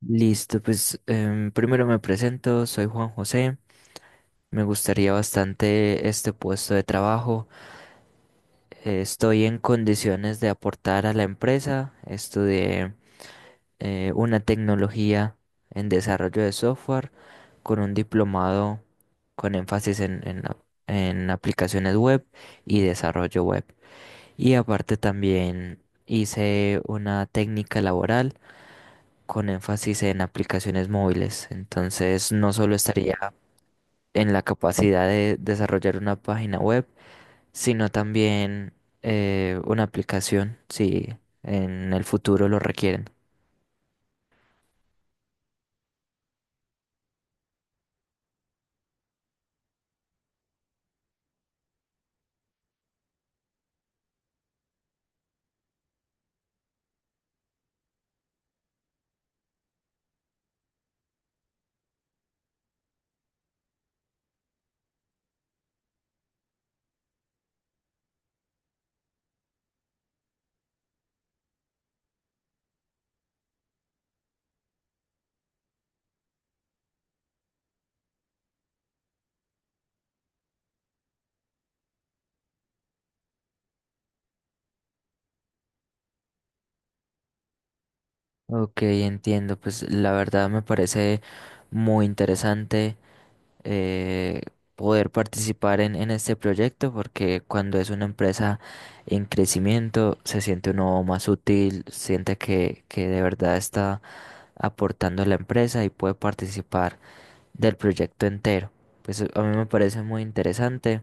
Listo, pues primero me presento, soy Juan José. Me gustaría bastante este puesto de trabajo. Estoy en condiciones de aportar a la empresa. Estudié una tecnología en desarrollo de software con un diplomado con énfasis en en aplicaciones web y desarrollo web. Y aparte también hice una técnica laboral con énfasis en aplicaciones móviles. Entonces, no solo estaría en la capacidad de desarrollar una página web, sino también una aplicación, si en el futuro lo requieren. Ok, entiendo. Pues la verdad me parece muy interesante. eh, Poder participar en este proyecto, porque cuando es una empresa en crecimiento se siente uno más útil, siente que de verdad está aportando a la empresa y puede participar del proyecto entero. Pues a mí me parece muy interesante,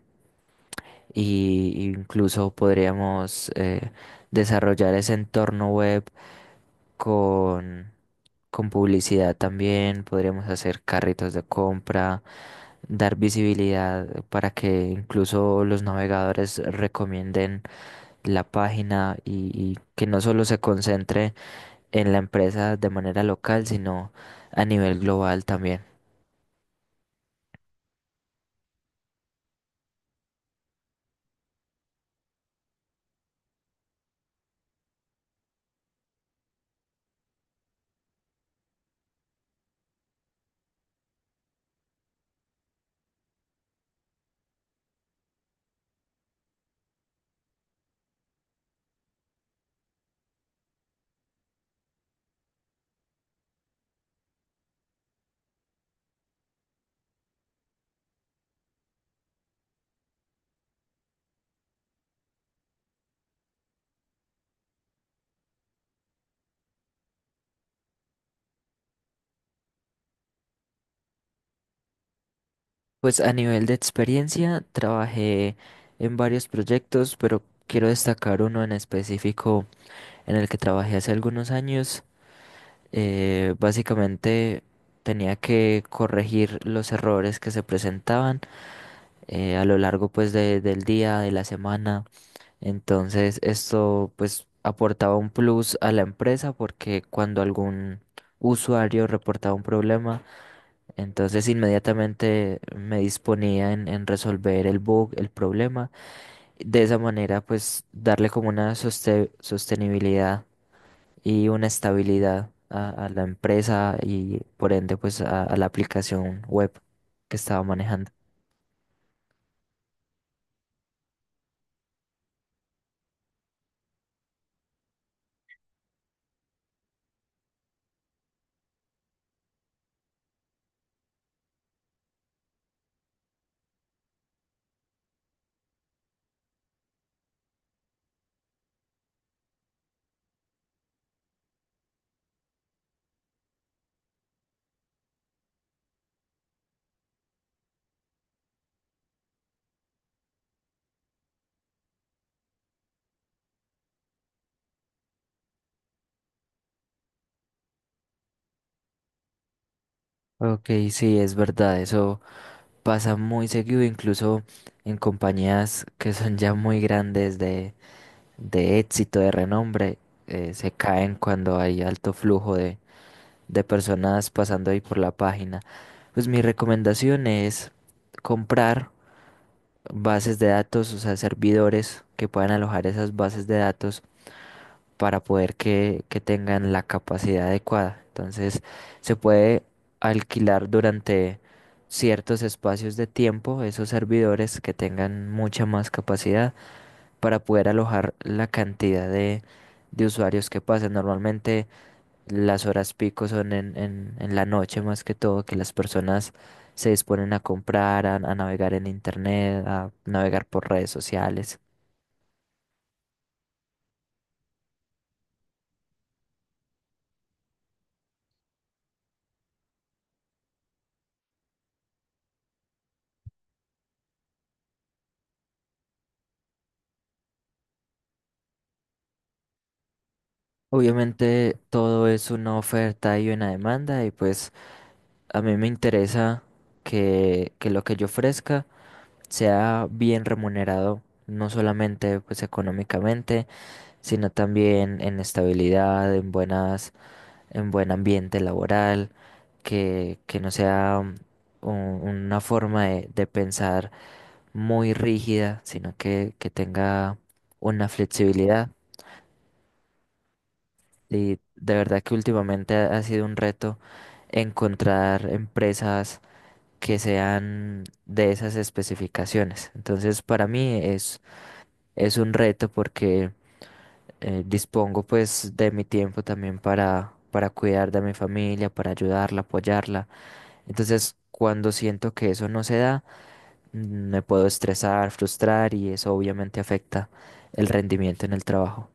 y incluso podríamos desarrollar ese entorno web con, con publicidad también. Podríamos hacer carritos de compra, dar visibilidad para que incluso los navegadores recomienden la página, y que no solo se concentre en la empresa de manera local, sino a nivel global también. Pues a nivel de experiencia trabajé en varios proyectos, pero quiero destacar uno en específico en el que trabajé hace algunos años. Básicamente tenía que corregir los errores que se presentaban a lo largo pues del día, de la semana. Entonces, esto pues aportaba un plus a la empresa, porque cuando algún usuario reportaba un problema, entonces inmediatamente me disponía en resolver el bug, el problema. De esa manera, pues darle como una sostenibilidad y una estabilidad a la empresa, y por ende pues a la aplicación web que estaba manejando. Ok, sí, es verdad, eso. Pasa muy seguido, incluso en compañías que son ya muy grandes de éxito, de renombre. Se caen cuando hay alto flujo de personas pasando ahí por la página. Pues mi recomendación es comprar bases de datos, o sea, servidores que puedan alojar esas bases de datos para poder que tengan la capacidad adecuada. Entonces, se puede alquilar durante ciertos espacios de tiempo esos servidores que tengan mucha más capacidad para poder alojar la cantidad de usuarios que pasen. Normalmente las horas pico son en la noche, más que todo, que las personas se disponen a comprar, a navegar en internet, a navegar por redes sociales. Obviamente todo es una oferta y una demanda, y pues a mí me interesa que lo que yo ofrezca sea bien remunerado, no solamente pues económicamente, sino también en estabilidad, en en buen ambiente laboral, que no sea una forma de pensar muy rígida, sino que tenga una flexibilidad. Y de verdad que últimamente ha sido un reto encontrar empresas que sean de esas especificaciones. Entonces, para mí es un reto porque dispongo pues de mi tiempo también para cuidar de mi familia, para ayudarla, apoyarla. Entonces, cuando siento que eso no se da, mm, me puedo estresar, frustrar, y eso obviamente afecta el rendimiento en el trabajo.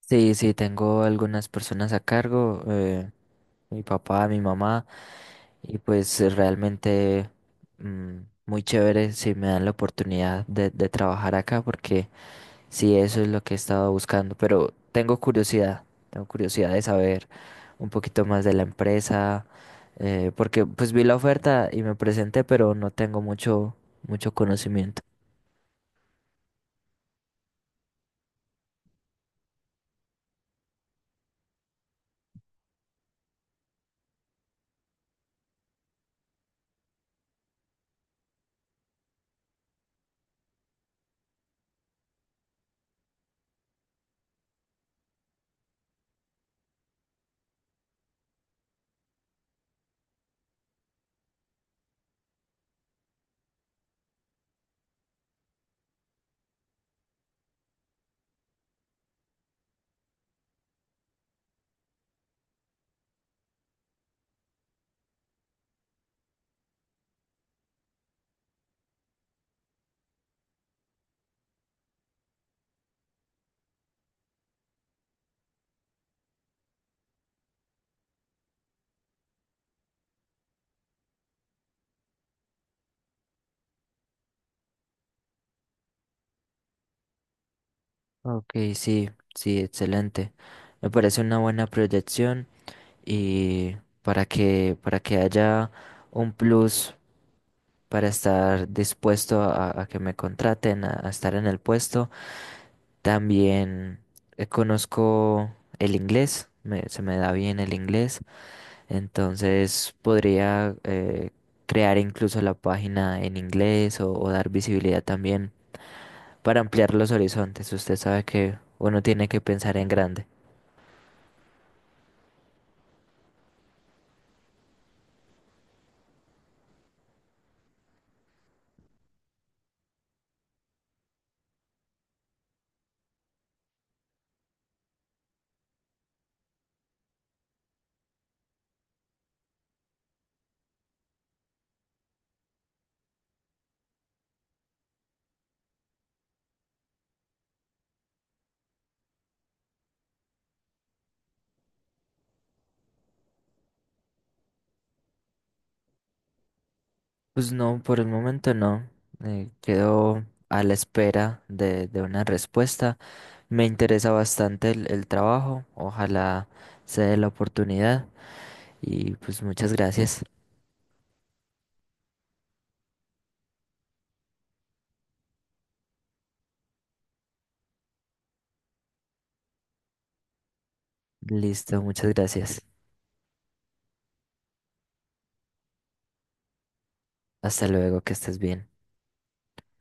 Sí, sí, tengo algunas personas a cargo. Mi papá, mi mamá, y pues realmente mm, muy chévere si me dan la oportunidad de trabajar acá, porque sí, eso es lo que he estado buscando. Pero tengo curiosidad de saber un poquito más de la empresa, porque pues vi la oferta y me presenté, pero no tengo mucho, mucho conocimiento. Ok, sí, sí, excelente. Me parece una buena proyección. Y para que haya un plus para estar dispuesto a que me contraten, a estar en el puesto. También conozco el inglés, se me da bien el inglés, entonces podría crear incluso la página en inglés, o dar visibilidad también para ampliar los horizontes. Usted sabe que uno tiene que pensar en grande. Pues no, por el momento no. Quedo a la espera de una respuesta. Me interesa bastante el trabajo. Ojalá se dé la oportunidad. Y pues muchas gracias. Listo, muchas gracias. Hasta luego, que estés bien.